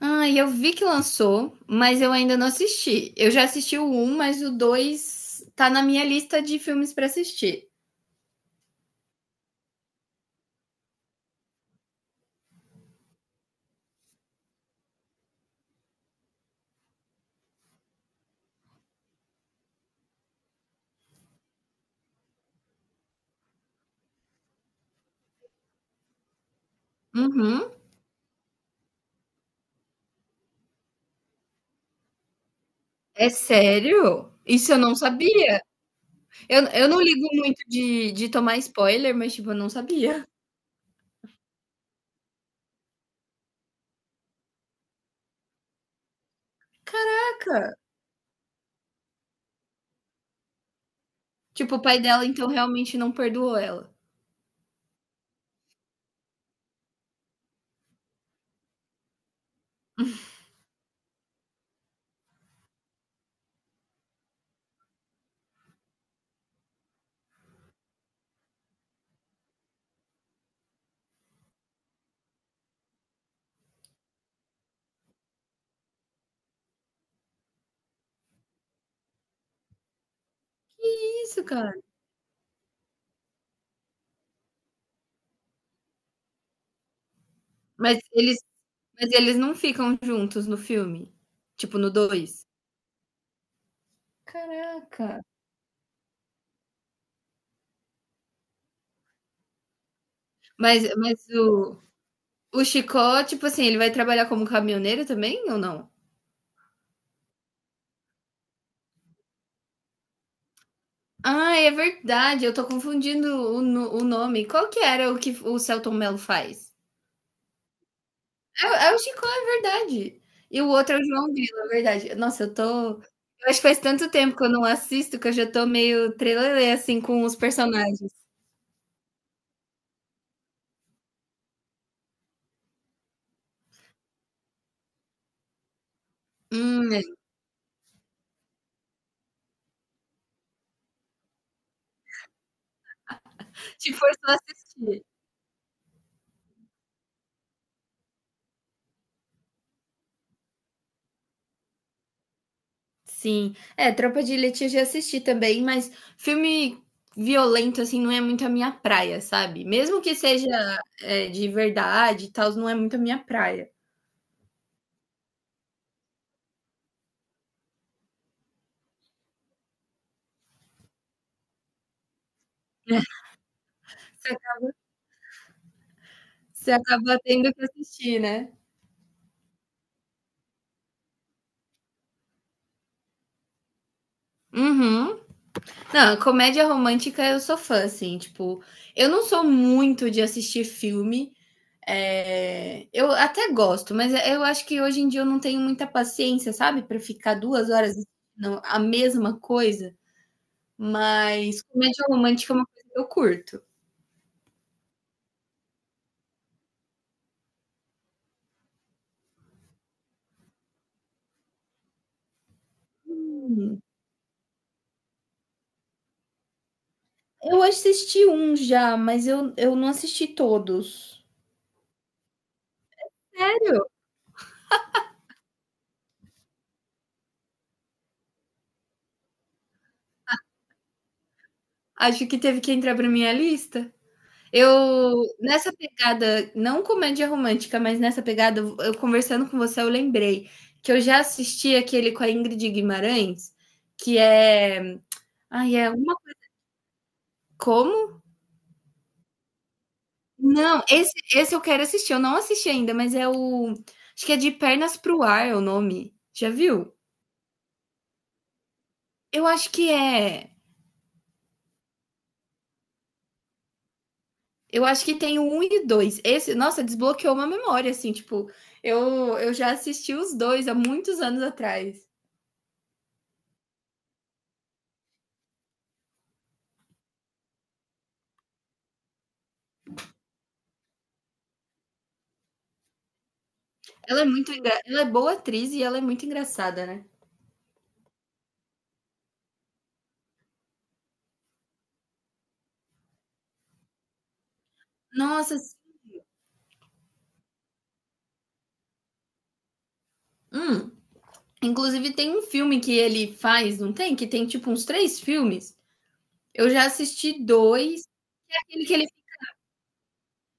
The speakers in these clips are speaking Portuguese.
Ah, eu vi que lançou, mas eu ainda não assisti. Eu já assisti o um, mas o 2 tá na minha lista de filmes pra assistir. Uhum. É sério? Isso eu não sabia. Eu não ligo muito de tomar spoiler, mas, tipo, eu não sabia. Caraca! Tipo, o pai dela, então, realmente não perdoou ela. Que isso, cara. Mas eles, mas eles não ficam juntos no filme. Tipo, no 2. Caraca. Mas, mas o, O Chicó, tipo assim, ele vai trabalhar como caminhoneiro também ou não? Ah, é verdade, eu tô confundindo o, no- o nome. Qual que era o que o Celton Mello faz? É o Chicó, é verdade. E o outro é o João Grilo, é verdade. Nossa, eu tô. Eu acho que faz tanto tempo que eu não assisto que eu já tô meio trelelê, assim, com os personagens. É. Se for só assistir. Sim. É, Tropa de Elite eu já assisti também, mas filme violento, assim, não é muito a minha praia, sabe? Mesmo que seja, de verdade e tals, não é muito a minha praia. Você você acaba tendo que assistir, né? Uhum. Não, comédia romântica eu sou fã, assim, tipo, eu não sou muito de assistir filme, eu até gosto, mas eu acho que hoje em dia eu não tenho muita paciência, sabe, pra ficar 2 horas assistindo a mesma coisa. Mas comédia romântica é uma coisa que eu curto. Hum, eu assisti um já, mas eu não assisti todos. Sério? Acho que teve que entrar pra minha lista. Eu, nessa pegada, não comédia romântica, mas nessa pegada, eu conversando com você, eu lembrei que eu já assisti aquele com a Ingrid Guimarães, que é. Ai, é uma. Como? Não, esse eu quero assistir, eu não assisti ainda, mas é o. Acho que é De Pernas pro Ar é o nome. Já viu? Eu acho que é. Eu acho que tem o 1 e 2. Esse, nossa, desbloqueou uma memória, assim, tipo, eu já assisti os dois há muitos anos atrás. Ela é muito engra... ela é boa atriz e ela é muito engraçada, né? Nossa, hum. Inclusive tem um filme que ele faz, não tem? Que tem tipo uns três filmes. Eu já assisti dois. É aquele que ele...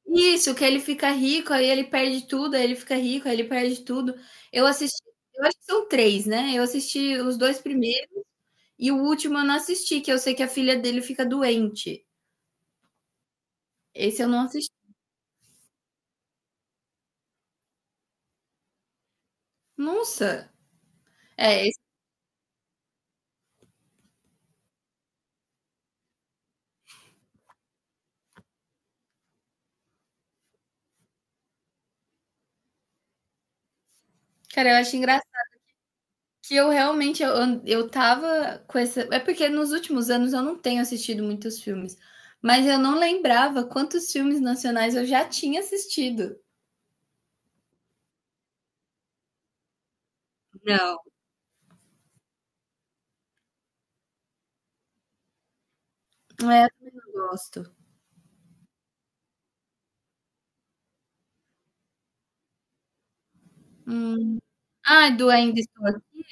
Isso, que ele fica rico, aí ele perde tudo, aí ele fica rico, aí ele perde tudo. Eu assisti, eu acho que são três, né? Eu assisti os dois primeiros. E o último eu não assisti, que eu sei que a filha dele fica doente. Esse eu não assisti. Nossa! É, esse, cara, eu acho engraçado que eu realmente eu tava com essa. É porque nos últimos anos eu não tenho assistido muitos filmes. Mas eu não lembrava quantos filmes nacionais eu já tinha assistido. Não. É, eu gosto. Hum. Ah, do Ainda Estou Aqui.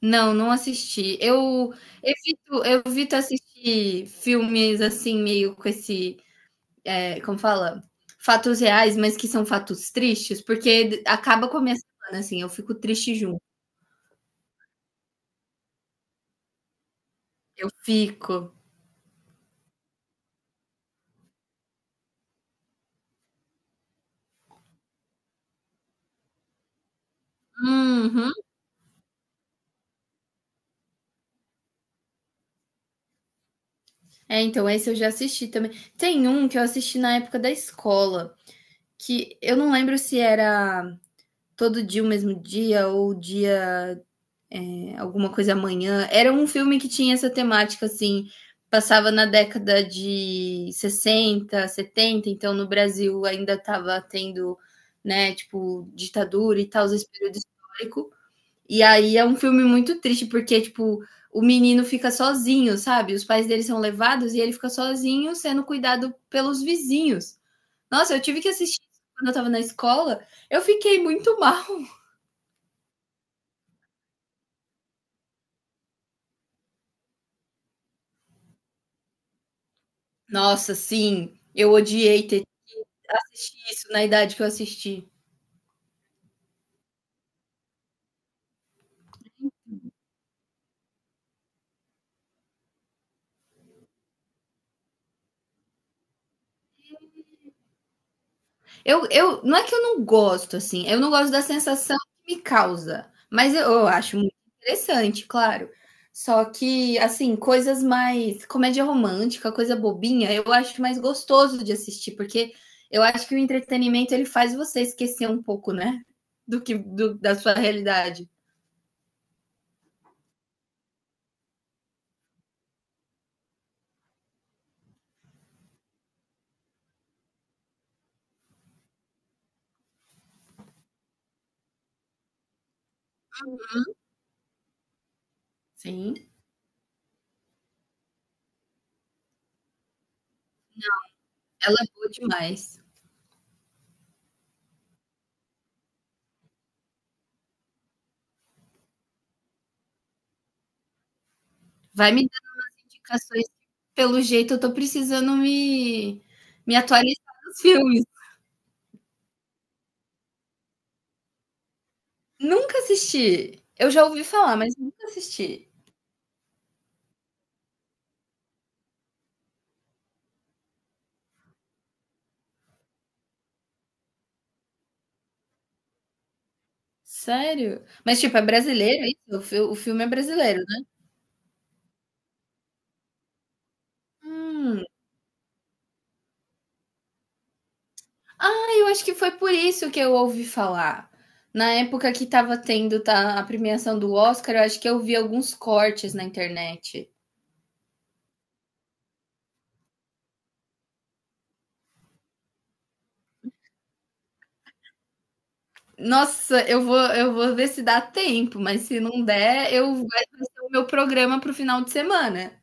Não, não assisti. Eu evito assistir filmes assim, meio com esse. É, como fala? Fatos reais, mas que são fatos tristes, porque acaba com a minha semana, assim, eu fico triste junto. Eu fico. Uhum. É, então, esse eu já assisti também. Tem um que eu assisti na época da escola, que eu não lembro se era todo dia o mesmo dia ou dia Alguma Coisa Amanhã. Era um filme que tinha essa temática, assim, passava na década de 60 setenta, então no Brasil ainda estava tendo, né, tipo, ditadura e tal, esse período histórico. E aí é um filme muito triste, porque, tipo, o menino fica sozinho, sabe? Os pais dele são levados e ele fica sozinho, sendo cuidado pelos vizinhos. Nossa, eu tive que assistir quando eu tava na escola, eu fiquei muito mal. Nossa, sim, eu odiei ter assisti isso na idade que eu assisti. Não é que eu não gosto, assim, eu não gosto da sensação que me causa, mas eu acho muito interessante, claro. Só que, assim, coisas mais. Comédia romântica, coisa bobinha, eu acho mais gostoso de assistir, porque eu acho que o entretenimento ele faz você esquecer um pouco, né? Do que da sua realidade. Sim, ela é boa demais. Vai me dar indicações, pelo jeito eu tô precisando me atualizar nos filmes. Nunca assisti. Eu já ouvi falar, mas nunca assisti. Sério? Mas, tipo, é brasileiro isso? O filme é brasileiro, né? Hum. Ah, eu acho que foi por isso que eu ouvi falar. Na época que estava tendo a premiação do Oscar, eu acho que eu vi alguns cortes na internet. Nossa, eu vou ver se dá tempo, mas se não der, eu vai o meu programa para o final de semana.